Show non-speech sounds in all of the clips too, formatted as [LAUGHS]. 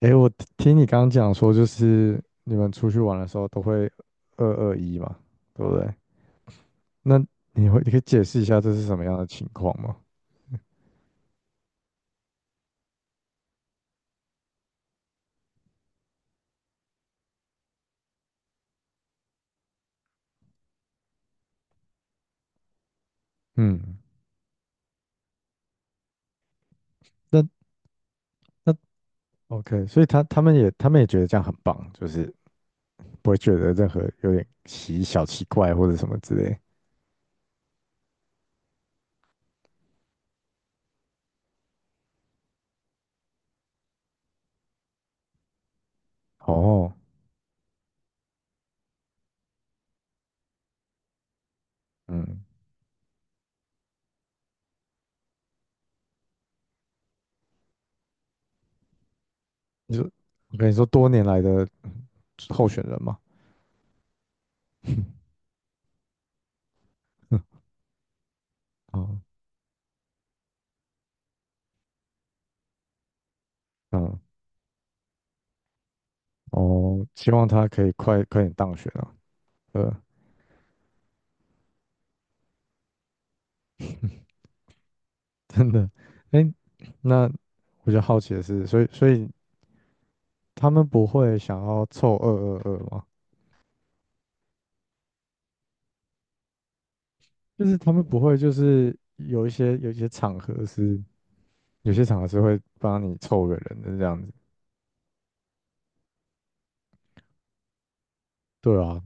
诶，我听听你刚刚讲说，就是你们出去玩的时候都会二二一嘛，对不对？那你可以解释一下这是什么样的情况吗？嗯，那那 OK，所以他们也觉得这样很棒，就是不会觉得任何有点奇怪或者什么之类。哦，嗯，你说，我跟你说，多年来的候选人嘛，[LAUGHS] 哦，嗯，哦，希望他可以快点当选啊，呃，真的，哎，那我就好奇的是，所以他们不会想要凑二二二吗？就是他们不会就是有一些场合是。有些厂合是会帮你凑个人的这样子。对啊，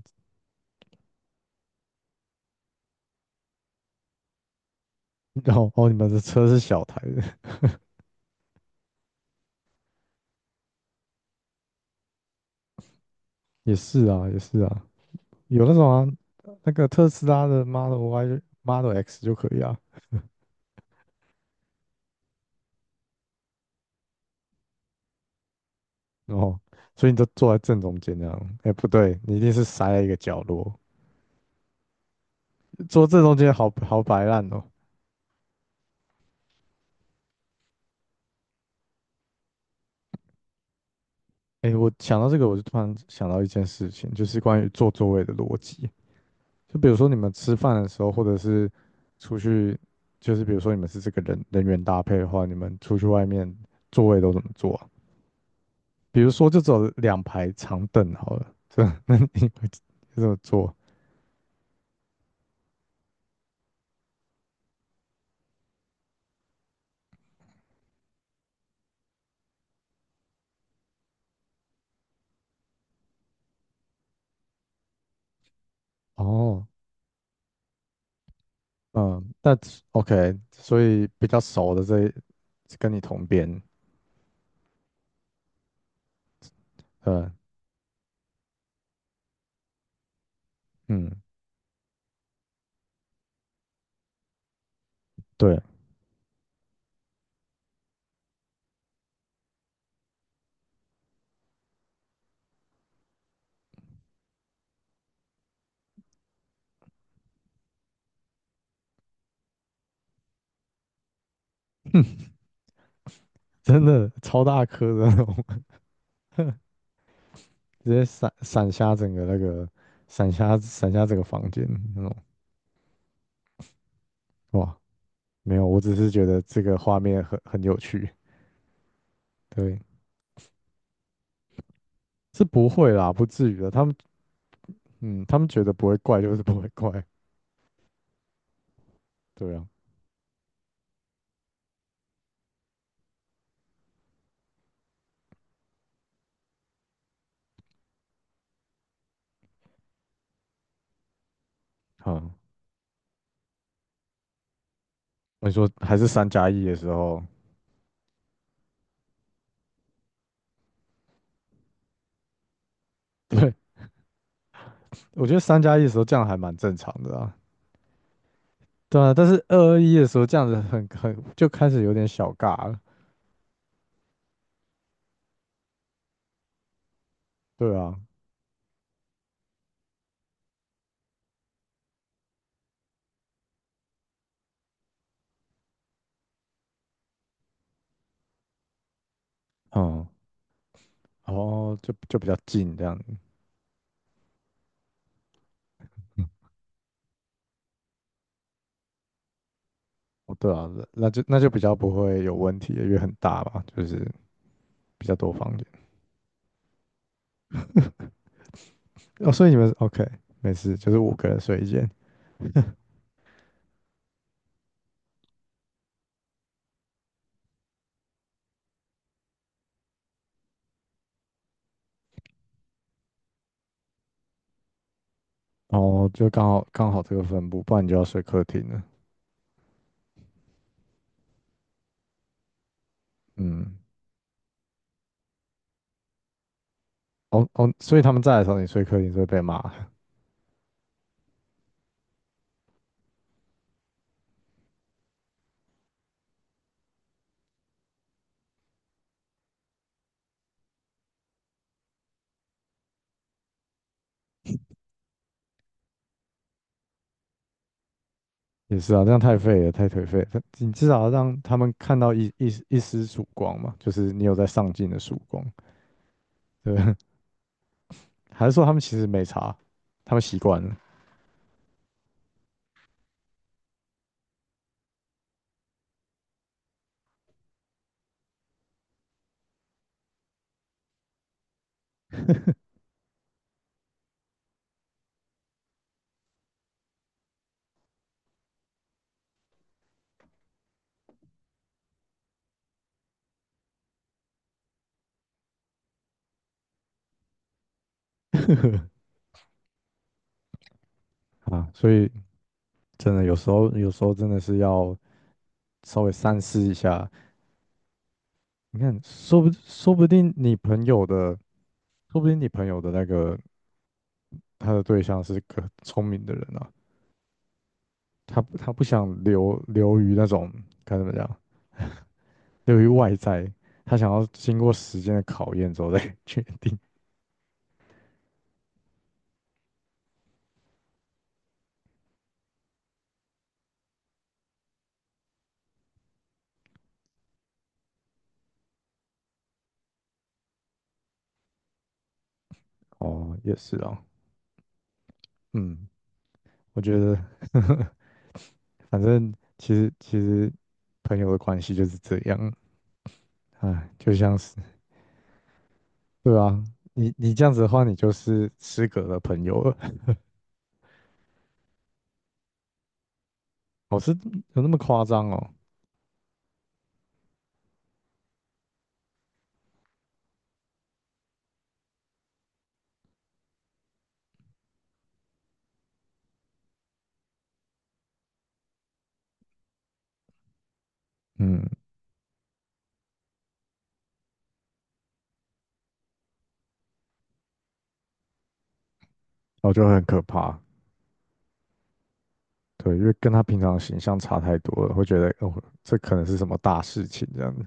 然后哦，你们的车是小台的。[LAUGHS] 也是啊，也是啊，有那种啊，那个特斯拉的 Model Y Model X 就可以啊。然后，所以你就坐在正中间这样。哎，不对，你一定是塞在一个角落，坐正中间好好摆烂哦。哎，我想到这个，我就突然想到一件事情，就是关于座位的逻辑。就比如说你们吃饭的时候，或者是出去，就是比如说你们是这个人员搭配的话，你们出去外面座位都怎么坐啊。比如说就只有两排长凳好了，[LAUGHS] 那你会怎么坐？哦，嗯，那 OK，所以比较熟的这跟你同边。呃，嗯，对，真的超大颗的那种，[LAUGHS] 直接闪瞎整个那个，闪瞎闪瞎整个房间那种。哇，没有，我只是觉得这个画面很有趣。对，是不会啦，不至于的。他们觉得不会怪就是不会怪。对啊，好，我说还是三加一的时候，对，我觉得三加一的时候这样还蛮正常的啊。对啊，但是二二一的时候这样子很就开始有点小尬了。对啊，嗯，哦，就比较近这样子。嗯，哦，对啊，那就比较不会有问题了因为很大嘛，就是比较多房间。哦，所以你们 OK，没事，就是五个人睡一间。[LAUGHS] 哦，就刚好这个分布，不然你就要睡客厅了。嗯，哦哦，所以他们在的时候，你睡客厅就会被骂。[LAUGHS] 也是啊，这样太废了，太颓废了，你至少要让他们看到一丝曙光嘛，就是你有在上进的曙光，对不对？[LAUGHS] 还是说他们其实没差，他们习惯了。 [LAUGHS] 啊？所以真的有时候真的是要稍微三思一下。你看，说不定你朋友的那个他的对象是个聪明的人啊。他不想留于那种，该怎么讲，留于外在，他想要经过时间的考验之后再 [LAUGHS] 决定。哦，也是哦，嗯，我觉得，[LAUGHS] 反正其实朋友的关系就是这样，哎，就像是对啊，你这样子的话，你就是失格的朋友了。[LAUGHS] 哦，是有那么夸张哦？嗯，我后就很可怕。对，因为跟他平常的形象差太多了，会觉得哦，这可能是什么大事情这样子。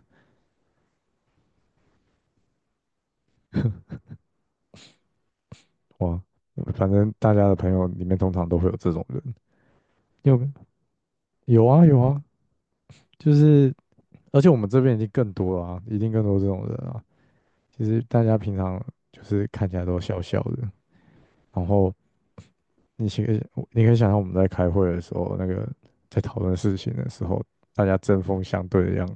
哇，反正大家的朋友里面通常都会有这种人。你有没有？啊，有啊，就是，而且我们这边已经更多了啊，一定更多这种人啊。其实大家平常就是看起来都笑笑的，然后你其实你可以想象我们在开会的时候，那个在讨论事情的时候，大家针锋相对的样子，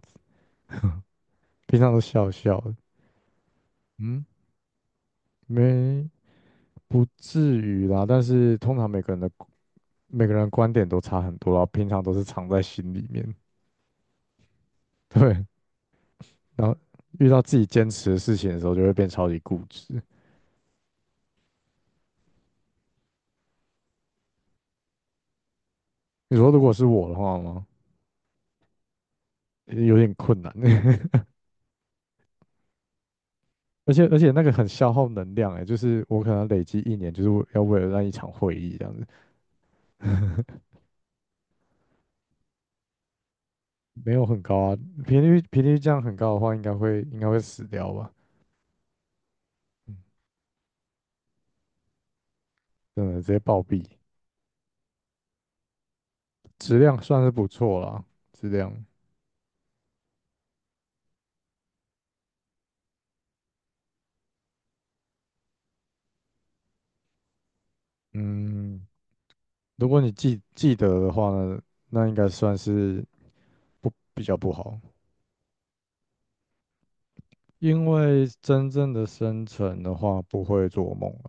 平常都笑笑的。嗯，没不至于啦，但是通常每个人的观点都差很多啦，平常都是藏在心里面，对。然后遇到自己坚持的事情的时候，就会变超级固执。你说如果是我的话吗？有点困难，[LAUGHS] 而且那个很消耗能量哎，就是我可能累积一年，就是要为了那一场会议这样子，没有很高啊，频率这样很高的话，应该会死掉吧，嗯，真的直接暴毙，质量算是不错啦，质量，嗯，如果你记得的话呢，那应该算是不比较不好，因为真正的生成的话不会做梦啊，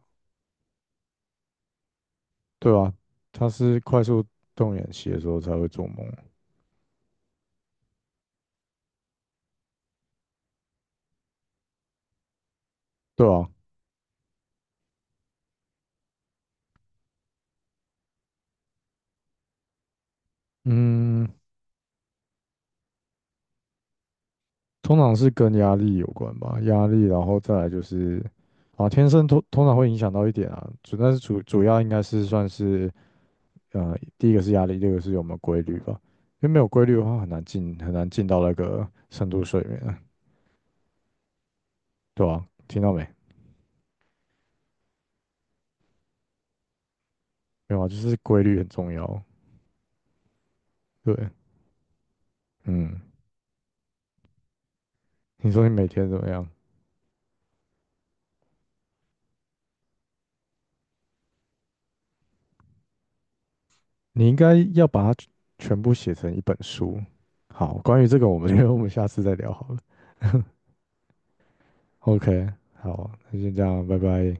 对啊，它是快速动眼期的时候才会做梦啊，对啊，嗯，通常是跟压力有关吧，压力，然后再来就是啊，天生通常会影响到一点啊，但是主要应该是算是。第一个是压力，第二个是有没有规律吧，因为没有规律的话很难进到那个深度睡眠啊。对啊，听到没？没有啊，就是规律很重要，对，嗯，你说你每天怎么样？你应该要把它全部写成一本书。好，关于这个，我们 [LAUGHS] 因为我们下次再聊好了。OK，好，那先这样，拜拜。